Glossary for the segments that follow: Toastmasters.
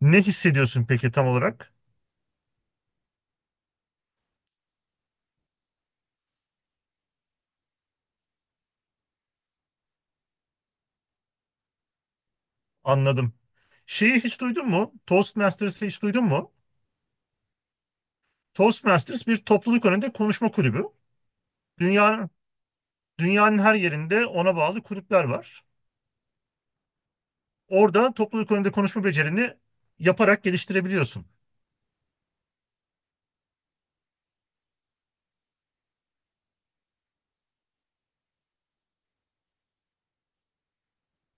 Ne hissediyorsun peki tam olarak? Anladım. Şeyi hiç duydun mu? Toastmasters'ı hiç duydun mu? Toastmasters bir topluluk önünde konuşma kulübü. Dünyanın, dünyanın her yerinde ona bağlı kulüpler var. Orada topluluk önünde konuşma becerini yaparak geliştirebiliyorsun.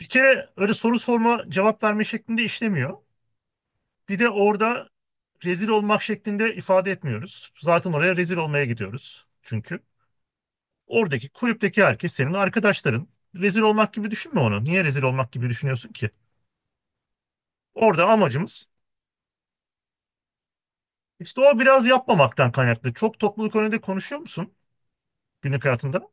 Bir kere öyle soru sorma, cevap verme şeklinde işlemiyor. Bir de orada rezil olmak şeklinde ifade etmiyoruz. Zaten oraya rezil olmaya gidiyoruz çünkü. Oradaki kulüpteki herkes senin arkadaşların. Rezil olmak gibi düşünme onu. Niye rezil olmak gibi düşünüyorsun ki? Orada amacımız işte o biraz yapmamaktan kaynaklı. Çok topluluk önünde konuşuyor musun günlük hayatında?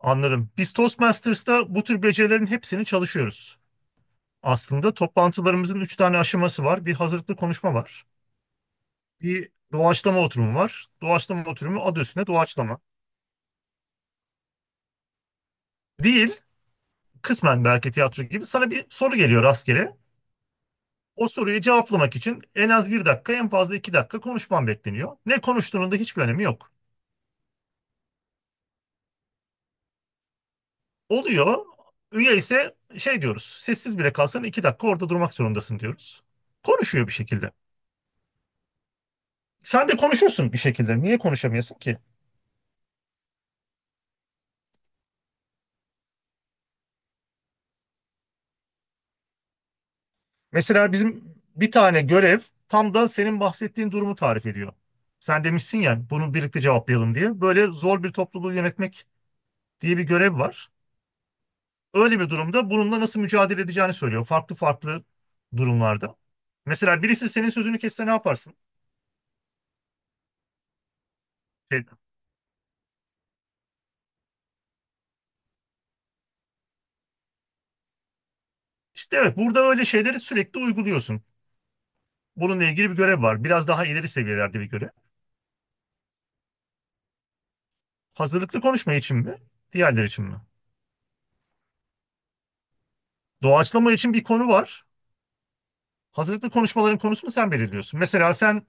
Anladım. Biz Toastmasters'ta bu tür becerilerin hepsini çalışıyoruz. Aslında toplantılarımızın üç tane aşaması var. Bir hazırlıklı konuşma var. Bir doğaçlama oturumu var. Doğaçlama oturumu adı üstünde doğaçlama. Değil, kısmen belki tiyatro gibi sana bir soru geliyor rastgele. O soruyu cevaplamak için en az bir dakika, en fazla iki dakika konuşman bekleniyor. Ne konuştuğunun da hiçbir önemi yok. Oluyor. Üye ise şey diyoruz. Sessiz bile kalsan iki dakika orada durmak zorundasın diyoruz. Konuşuyor bir şekilde. Sen de konuşursun bir şekilde. Niye konuşamıyorsun ki? Mesela bizim bir tane görev tam da senin bahsettiğin durumu tarif ediyor. Sen demişsin ya bunu birlikte cevaplayalım diye. Böyle zor bir topluluğu yönetmek diye bir görev var. Öyle bir durumda bununla nasıl mücadele edeceğini söylüyor. Farklı farklı durumlarda. Mesela birisi senin sözünü kesse ne yaparsın? Şey, işte evet, burada öyle şeyleri sürekli uyguluyorsun. Bununla ilgili bir görev var. Biraz daha ileri seviyelerde bir görev. Hazırlıklı konuşma için mi? Diğerleri için mi? Doğaçlama için bir konu var. Hazırlıklı konuşmaların konusunu sen belirliyorsun. Mesela sen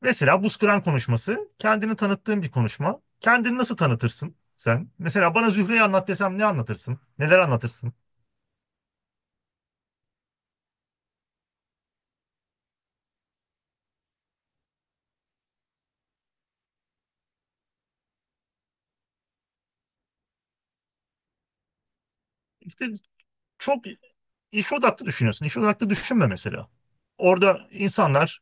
mesela buz kıran konuşması kendini tanıttığın bir konuşma. Kendini nasıl tanıtırsın sen? Mesela bana Zühre'yi anlat desem ne anlatırsın? Neler anlatırsın? İşte çok İş odaklı düşünüyorsun. İş odaklı düşünme mesela. Orada insanlar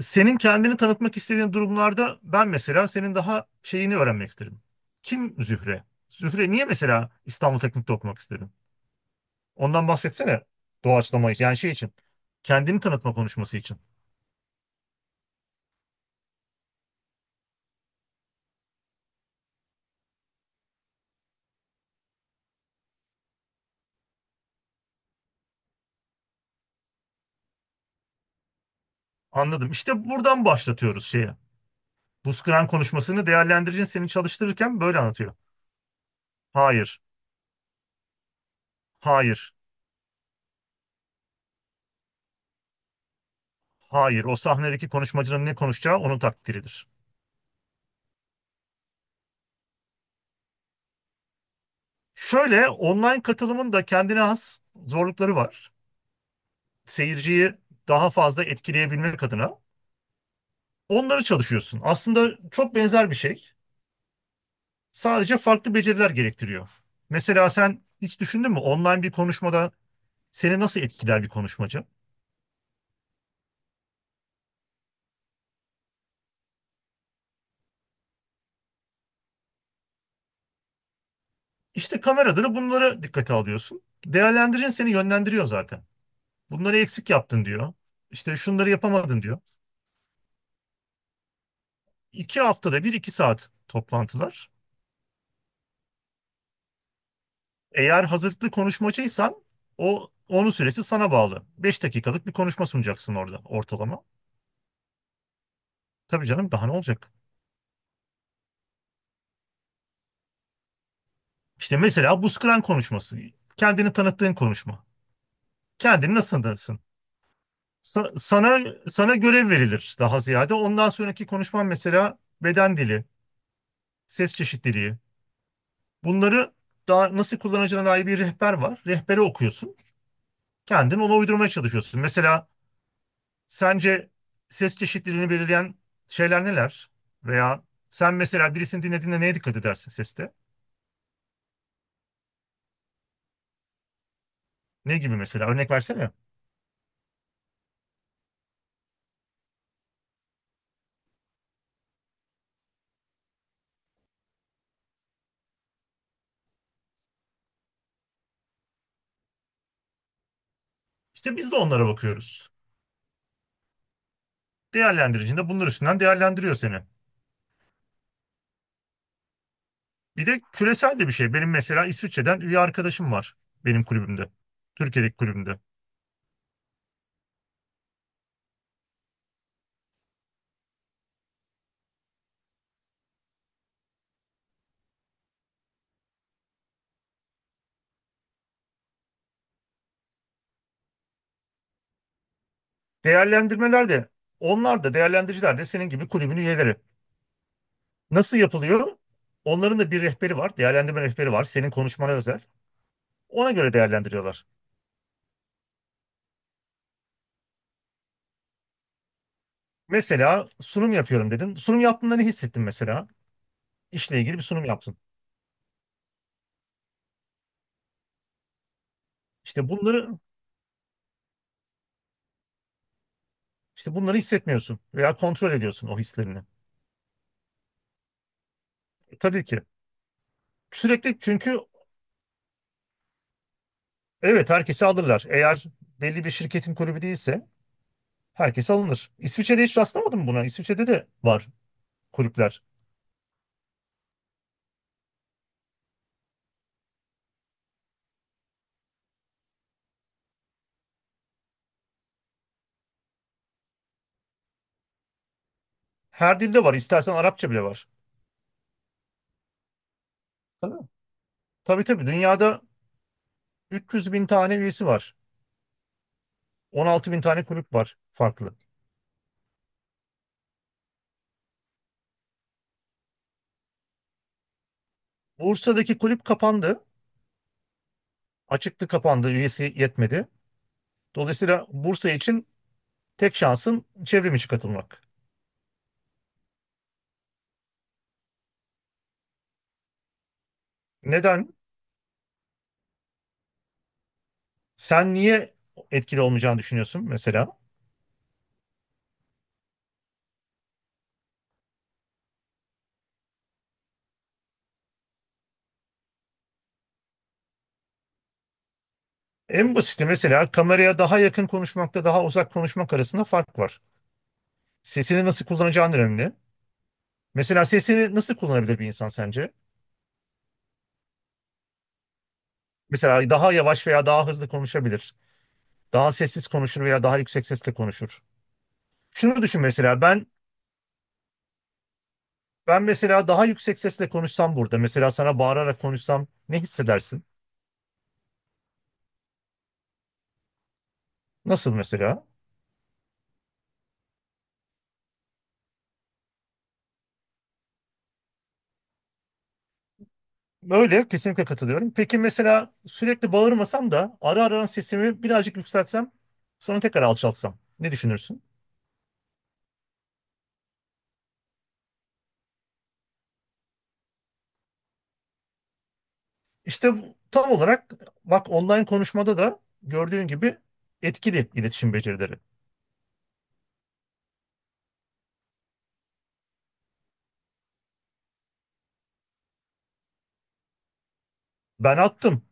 senin kendini tanıtmak istediğin durumlarda ben mesela senin daha şeyini öğrenmek isterim. Kim Zühre? Zühre niye mesela İstanbul Teknik'te okumak istedin? Ondan bahsetsene doğaçlamayı yani şey için. Kendini tanıtma konuşması için. Anladım. İşte buradan başlatıyoruz şeye. Buz kıran konuşmasını değerlendiricin seni çalıştırırken böyle anlatıyor. Hayır, hayır, hayır. O sahnedeki konuşmacının ne konuşacağı onun takdiridir. Şöyle online katılımın da kendine has zorlukları var. Seyirciyi daha fazla etkileyebilmek adına onları çalışıyorsun. Aslında çok benzer bir şey. Sadece farklı beceriler gerektiriyor. Mesela sen hiç düşündün mü online bir konuşmada seni nasıl etkiler bir konuşmacı? İşte kamerada da bunlara dikkate alıyorsun. Değerlendirin seni yönlendiriyor zaten. Bunları eksik yaptın diyor. İşte şunları yapamadın diyor. İki haftada bir iki saat toplantılar. Eğer hazırlıklı konuşmacıysan o onun süresi sana bağlı. 5 dakikalık bir konuşma sunacaksın orada ortalama. Tabii canım, daha ne olacak? İşte mesela bu Skran konuşması. Kendini tanıttığın konuşma. Kendini nasıl tanıtırsın? Sa- sana sana görev verilir daha ziyade. Ondan sonraki konuşman mesela beden dili, ses çeşitliliği. Bunları daha nasıl kullanacağına dair bir rehber var. Rehbere okuyorsun. Kendin ona uydurmaya çalışıyorsun. Mesela sence ses çeşitliliğini belirleyen şeyler neler? Veya sen mesela birisini dinlediğinde neye dikkat edersin seste? Ne gibi mesela? Örnek versene. İşte biz de onlara bakıyoruz. Değerlendiricinde bunlar üstünden değerlendiriyor seni. Bir de küresel de bir şey. Benim mesela İsviçre'den üye arkadaşım var benim kulübümde. Türkiye'deki kulübümde. Değerlendirmeler de onlar da değerlendiriciler de senin gibi kulübün üyeleri. Nasıl yapılıyor? Onların da bir rehberi var. Değerlendirme rehberi var. Senin konuşmana özel. Ona göre değerlendiriyorlar. Mesela sunum yapıyorum dedin. Sunum yaptığında ne hissettin mesela? İşle ilgili bir sunum yaptın. İşte bunları işte bunları hissetmiyorsun veya kontrol ediyorsun o hislerini. Tabii ki. Sürekli çünkü evet, herkesi alırlar. Eğer belli bir şirketin kulübü değilse herkes alınır. İsviçre'de hiç rastlamadın mı buna? İsviçre'de de var kulüpler. Her dilde var. İstersen Arapça bile var. Tabii, tabii, tabii. Dünyada 300 bin tane üyesi var. 16 bin tane kulüp var farklı. Bursa'daki kulüp kapandı. Açıktı, kapandı. Üyesi yetmedi. Dolayısıyla Bursa için tek şansın çevrim içi katılmak. Neden? Sen niye etkili olmayacağını düşünüyorsun mesela? En basiti mesela kameraya daha yakın konuşmakta daha uzak konuşmak arasında fark var. Sesini nasıl kullanacağın önemli. Mesela sesini nasıl kullanabilir bir insan sence? Mesela daha yavaş veya daha hızlı konuşabilir. Daha sessiz konuşur veya daha yüksek sesle konuşur. Şunu düşün mesela, ben mesela daha yüksek sesle konuşsam burada, mesela sana bağırarak konuşsam ne hissedersin? Nasıl mesela? Öyle, kesinlikle katılıyorum. Peki mesela sürekli bağırmasam da ara ara sesimi birazcık yükseltsem sonra tekrar alçaltsam ne düşünürsün? Tam olarak, bak, online konuşmada da gördüğün gibi etkili iletişim becerileri. Ben attım.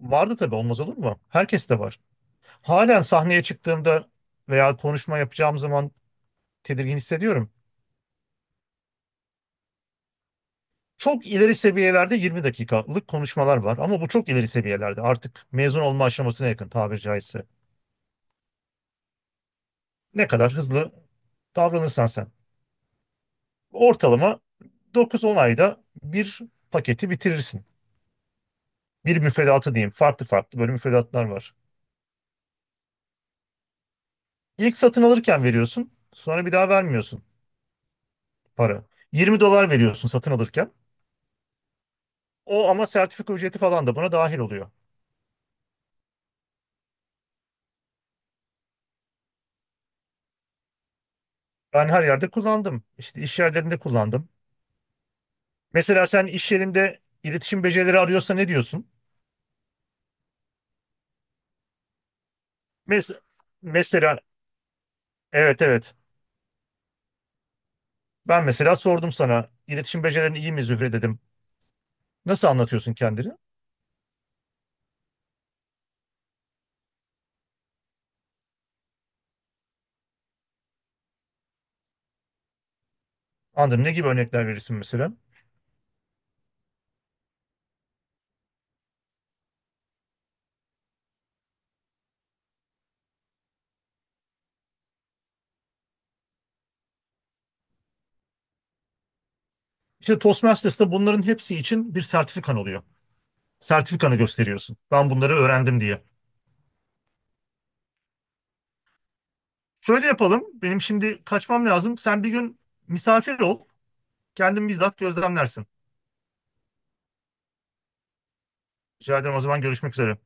Vardı tabii, olmaz olur mu? Herkes de var. Halen sahneye çıktığımda veya konuşma yapacağım zaman tedirgin hissediyorum. Çok ileri seviyelerde 20 dakikalık konuşmalar var ama bu çok ileri seviyelerde artık mezun olma aşamasına yakın, tabiri caizse. Ne kadar hızlı davranırsan sen. Ortalama 9-10 ayda bir paketi bitirirsin. Bir müfredatı diyeyim. Farklı farklı böyle müfredatlar var. İlk satın alırken veriyorsun. Sonra bir daha vermiyorsun para. 20 dolar veriyorsun satın alırken. O ama sertifika ücreti falan da buna dahil oluyor. Ben her yerde kullandım. İşte iş yerlerinde kullandım. Mesela sen iş yerinde iletişim becerileri arıyorsa ne diyorsun? Mes- mesela, evet, evet. Ben mesela sordum sana, iletişim becerilerin iyi mi Zühre dedim. Nasıl anlatıyorsun kendini? Anladım. Ne gibi örnekler verirsin mesela? İşte Toastmasters'ta bunların hepsi için bir sertifikan oluyor. Sertifikanı gösteriyorsun. Ben bunları öğrendim diye. Şöyle yapalım. Benim şimdi kaçmam lazım. Sen bir gün misafir ol. Kendin bizzat gözlemlersin. Rica ederim, o zaman görüşmek üzere.